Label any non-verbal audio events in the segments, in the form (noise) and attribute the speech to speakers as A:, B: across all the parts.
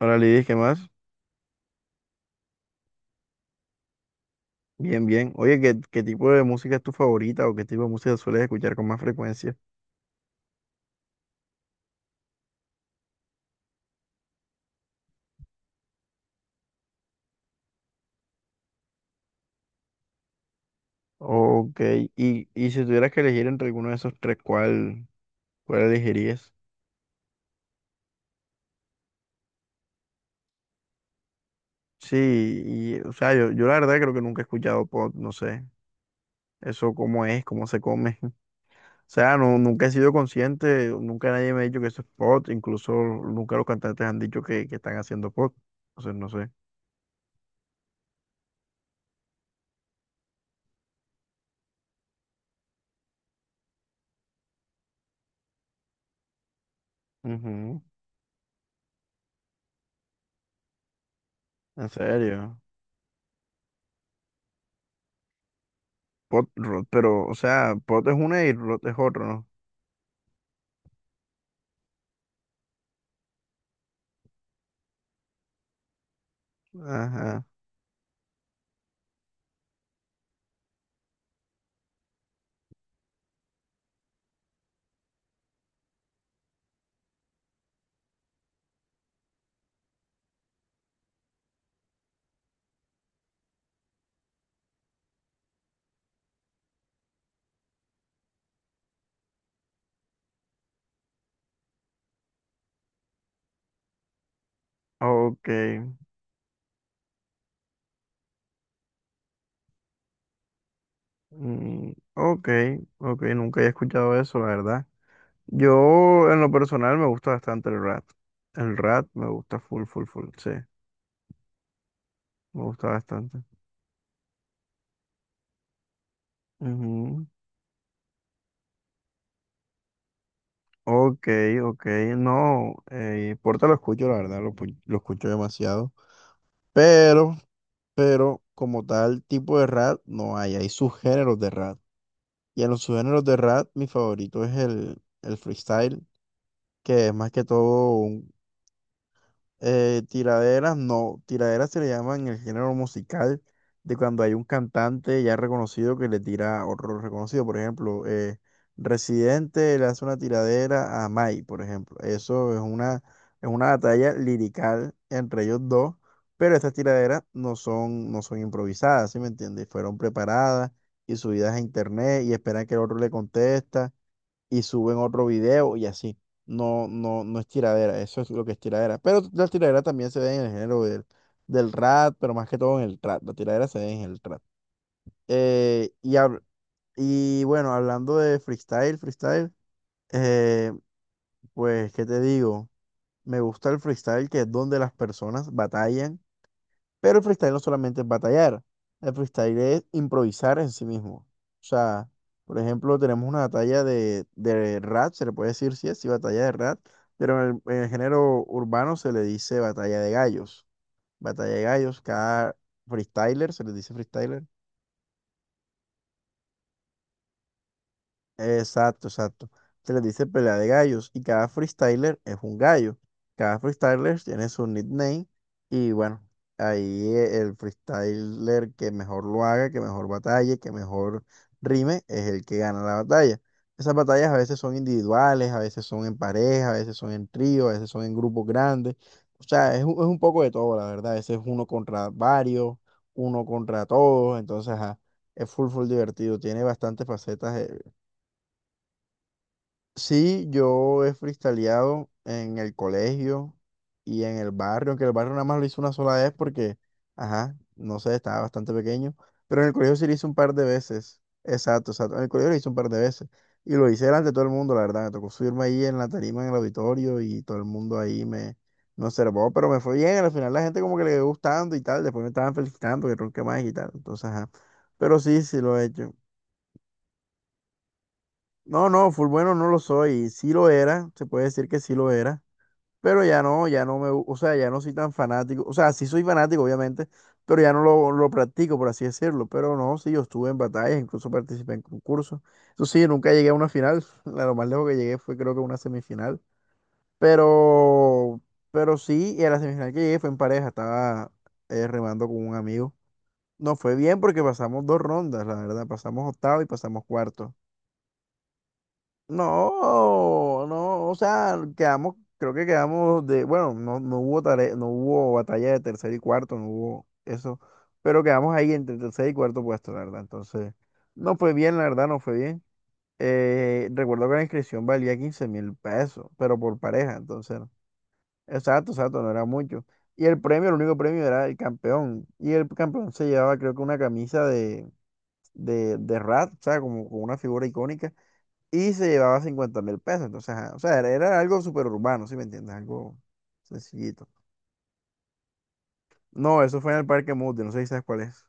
A: Hola Lidis, ¿qué más? Bien, bien. Oye, ¿qué tipo de música es tu favorita o qué tipo de música sueles escuchar con más frecuencia? Ok, y si tuvieras que elegir entre alguno de esos tres, ¿cuál elegirías? Sí, y, o sea, yo la verdad creo que nunca he escuchado pop, no sé, eso cómo es, cómo se come. (laughs) O sea, no, nunca he sido consciente, nunca nadie me ha dicho que eso es pop, incluso nunca los cantantes han dicho que están haciendo pop, entonces no sé. Ujú. ¿En serio? Pot Rot, pero, o sea, Pot es una y Rot es otro, ¿no? Ajá. Ok. Mm, ok, ok, nunca he escuchado eso, la verdad. Yo, en lo personal, me gusta bastante el rat. El rat me gusta full, full, full, sí. Me gusta bastante. Ujú. Ok, ok, no, Porta lo escucho, la verdad, lo escucho demasiado. Pero, pero, como tal tipo de rap no hay subgéneros de rap. Y en los subgéneros de rap, mi favorito es el freestyle, que es más que todo tiraderas, no, tiraderas se le llama en el género musical, de cuando hay un cantante ya reconocido que le tira a otro reconocido, por ejemplo, Residente le hace una tiradera a Mai, por ejemplo. Eso es una batalla lirical entre ellos dos, pero estas tiraderas no son improvisadas, ¿sí me entiendes? Fueron preparadas y subidas a internet y esperan que el otro le conteste y suben otro video y así. No, no, no es tiradera, eso es lo que es tiradera. Pero la tiradera también se ve en el género del rap, pero más que todo en el trap. La tiradera se ve en el trap. Eh, y, hab- y bueno, hablando de freestyle, eh, pues, ¿qué te digo? Me gusta el freestyle, que es donde las personas batallan, pero el freestyle no solamente es batallar, el freestyle es improvisar en sí mismo. O sea, por ejemplo, tenemos una batalla de rap, se le puede decir sí, batalla de rap, pero en en el género urbano se le dice batalla de gallos. Batalla de gallos, cada freestyler se le dice freestyler. Exacto, exacto. Se les dice pelea de gallos y cada freestyler es un gallo. Cada freestyler tiene su nickname y bueno, ahí el freestyler que mejor lo haga, que mejor batalle, que mejor rime, es el que gana la batalla. Esas batallas a veces son individuales, a veces son en pareja, a veces son en trío, a veces son en grupos grandes. O sea, es un poco de todo, la verdad. A veces uno contra varios, uno contra todos, entonces, ajá, es full, full divertido. Tiene bastantes facetas. Sí, yo he freestyleado en el colegio y en el barrio, aunque el barrio nada más lo hice una sola vez porque, ajá, no sé, estaba bastante pequeño, pero en el colegio sí lo hice un par de veces, exacto, exacto, en el colegio lo hice un par de veces y lo hice delante de todo el mundo, la verdad, me tocó subirme ahí en la tarima, en el auditorio y todo el mundo ahí me observó, pero me fue bien, al final la gente como que le quedó gustando y tal, después me estaban felicitando que ronqué más y tal, entonces, ajá, pero sí, sí lo he hecho. No, no, full bueno no lo soy. Sí lo era, se puede decir que sí lo era, pero ya no, o sea, ya no soy tan fanático. O sea, sí soy fanático, obviamente, pero ya no lo practico, por así decirlo. Pero no, sí, yo estuve en batallas, incluso participé en concursos. Eso sí, nunca llegué a una final. (laughs) Lo más lejos que llegué fue creo que una semifinal. Pero, pero sí, y a la semifinal que llegué fue en pareja, estaba remando con un amigo. No fue bien porque pasamos dos rondas, la verdad, pasamos octavo y pasamos cuarto. No, no, o sea, quedamos, creo que quedamos de, bueno, no, no hubo batalla de tercer y cuarto, no hubo eso, pero quedamos ahí entre tercer y cuarto puesto, la verdad. Entonces, no fue bien, la verdad, no fue bien. Recuerdo que la inscripción valía 15 mil pesos, pero por pareja, entonces, exacto, exacto, no era mucho. Y el premio, el único premio era el campeón, y el campeón se llevaba, creo que una camisa de Rat, o sea, como una figura icónica y se llevaba 50 mil pesos. Entonces, ajá, o sea, era algo súper urbano, ¿sí me entiendes? Algo sencillito. No, eso fue en el Parque Mundi, no sé si sabes cuál es.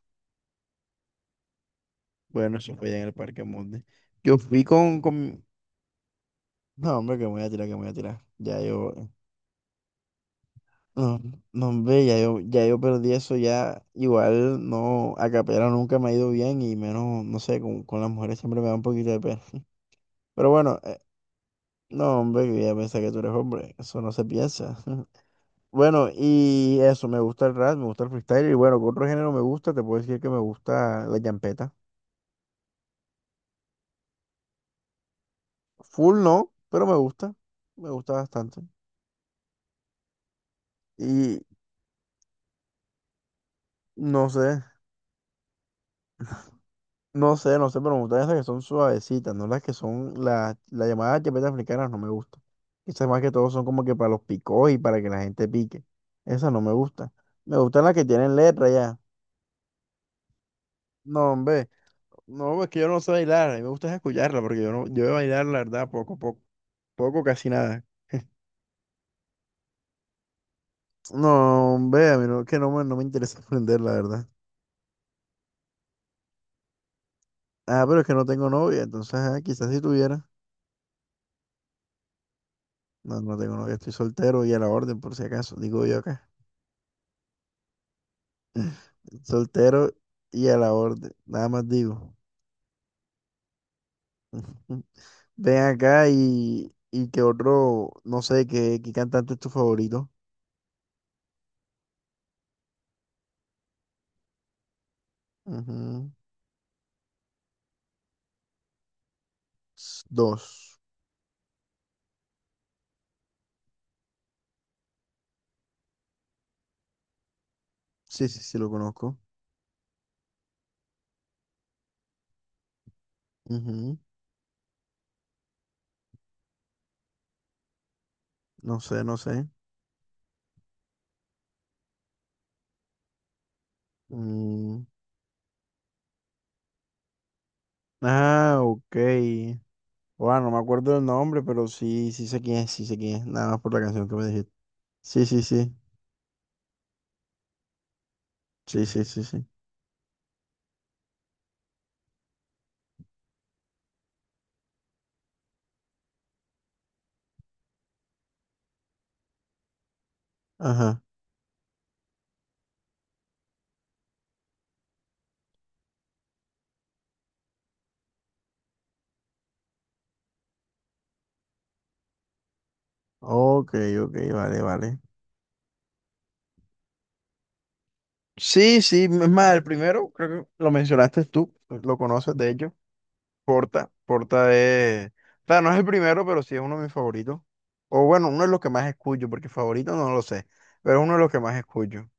A: Bueno, eso fue ya en el Parque Mundi. Yo fui con. No, hombre, que me voy a tirar, que me voy a tirar. Ya yo. No, no, hombre, ya yo, ya yo perdí eso ya. Igual no, a capela nunca me ha ido bien y menos, no sé, con las mujeres siempre me da un poquito de pena. (laughs) Pero bueno, no, hombre, que ya pensé que tú eres hombre, eso no se piensa. (laughs) Bueno, y eso, me gusta el rap, me gusta el freestyle, y bueno, ¿qué otro género me gusta? Te puedo decir que me gusta la champeta. Full no, pero me gusta bastante. Y no sé, no sé, pero me gustan esas que son suavecitas, no las que son, las la llamadas champetas africanas no me gusta. Esas más que todo son como que para los picos y para que la gente pique. Esas no me gustan. Me gustan las que tienen letra ya. No, hombre, no, es que yo no sé bailar, a mí me gusta es escucharla, porque yo no, yo de bailar, la verdad, poco, poco, poco, casi nada. No, hombre, a vea, mira, que no, no me interesa (laughs) aprender, la verdad. Ah, pero es que no tengo novia, entonces, quizás si tuviera. No, no tengo novia, estoy soltero y a la orden, por si acaso, digo yo acá. Soltero y a la orden, nada más digo. (laughs) Ven acá y qué otro, no sé, qué cantante es tu favorito. Ujú. Dos. Sí, sí, sí, lo conozco. Ujú. No sé, no sé. Mm, ah, ok. Bueno, no me acuerdo del nombre, pero sí, sí sé quién es, sí sé quién es, nada más por la canción que me dijiste. Sí, sí, sí, sí, sí, sí, sí. Ajá. Ok, ok, vale, vale. Sí, sí, es más, el primero, creo que lo mencionaste tú, pues, lo conoces de hecho, Porta. Porta es, o sea, no es el primero, pero sí es uno de mis favoritos. O bueno, uno de los que más escucho, porque favorito no lo sé, pero es uno de los que más escucho.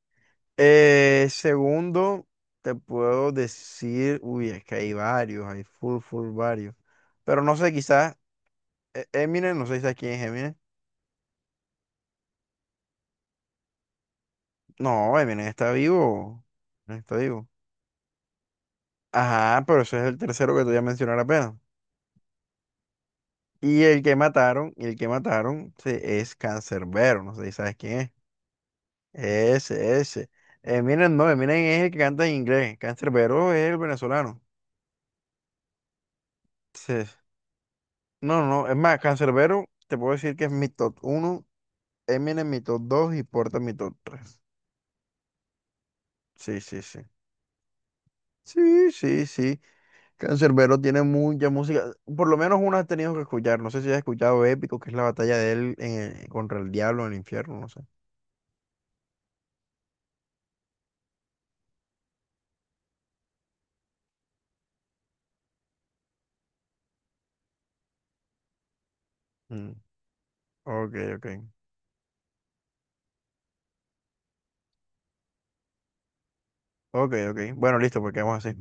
A: Segundo, te puedo decir, uy, es que hay varios, hay full, full varios. Pero no sé, quizás Eminem, no sé si sabes quién es Eminem. No, Eminem está vivo. Eminem está vivo. Ajá, pero ese es el tercero que te voy a mencionar apenas. Y el que mataron, y el que mataron sí, es Cancerbero, no sé si sabes quién es. Ese, ese. Eminem no, Eminem es el que canta en inglés. Cancerbero es el venezolano. Sí. No, no, no, es más, Cancerbero, te puedo decir que es mi top uno. Eminem mi top 2 y Porta mi top 3. Sí, sí, sí. Sí, sí, sí. Canserbero tiene mucha música. Por lo menos una has tenido que escuchar. No sé si has escuchado Épico, que es la batalla de él contra el diablo en el infierno, no sé. Mm, ok, ok. Ok, ok. Bueno, listo, pues quedamos así.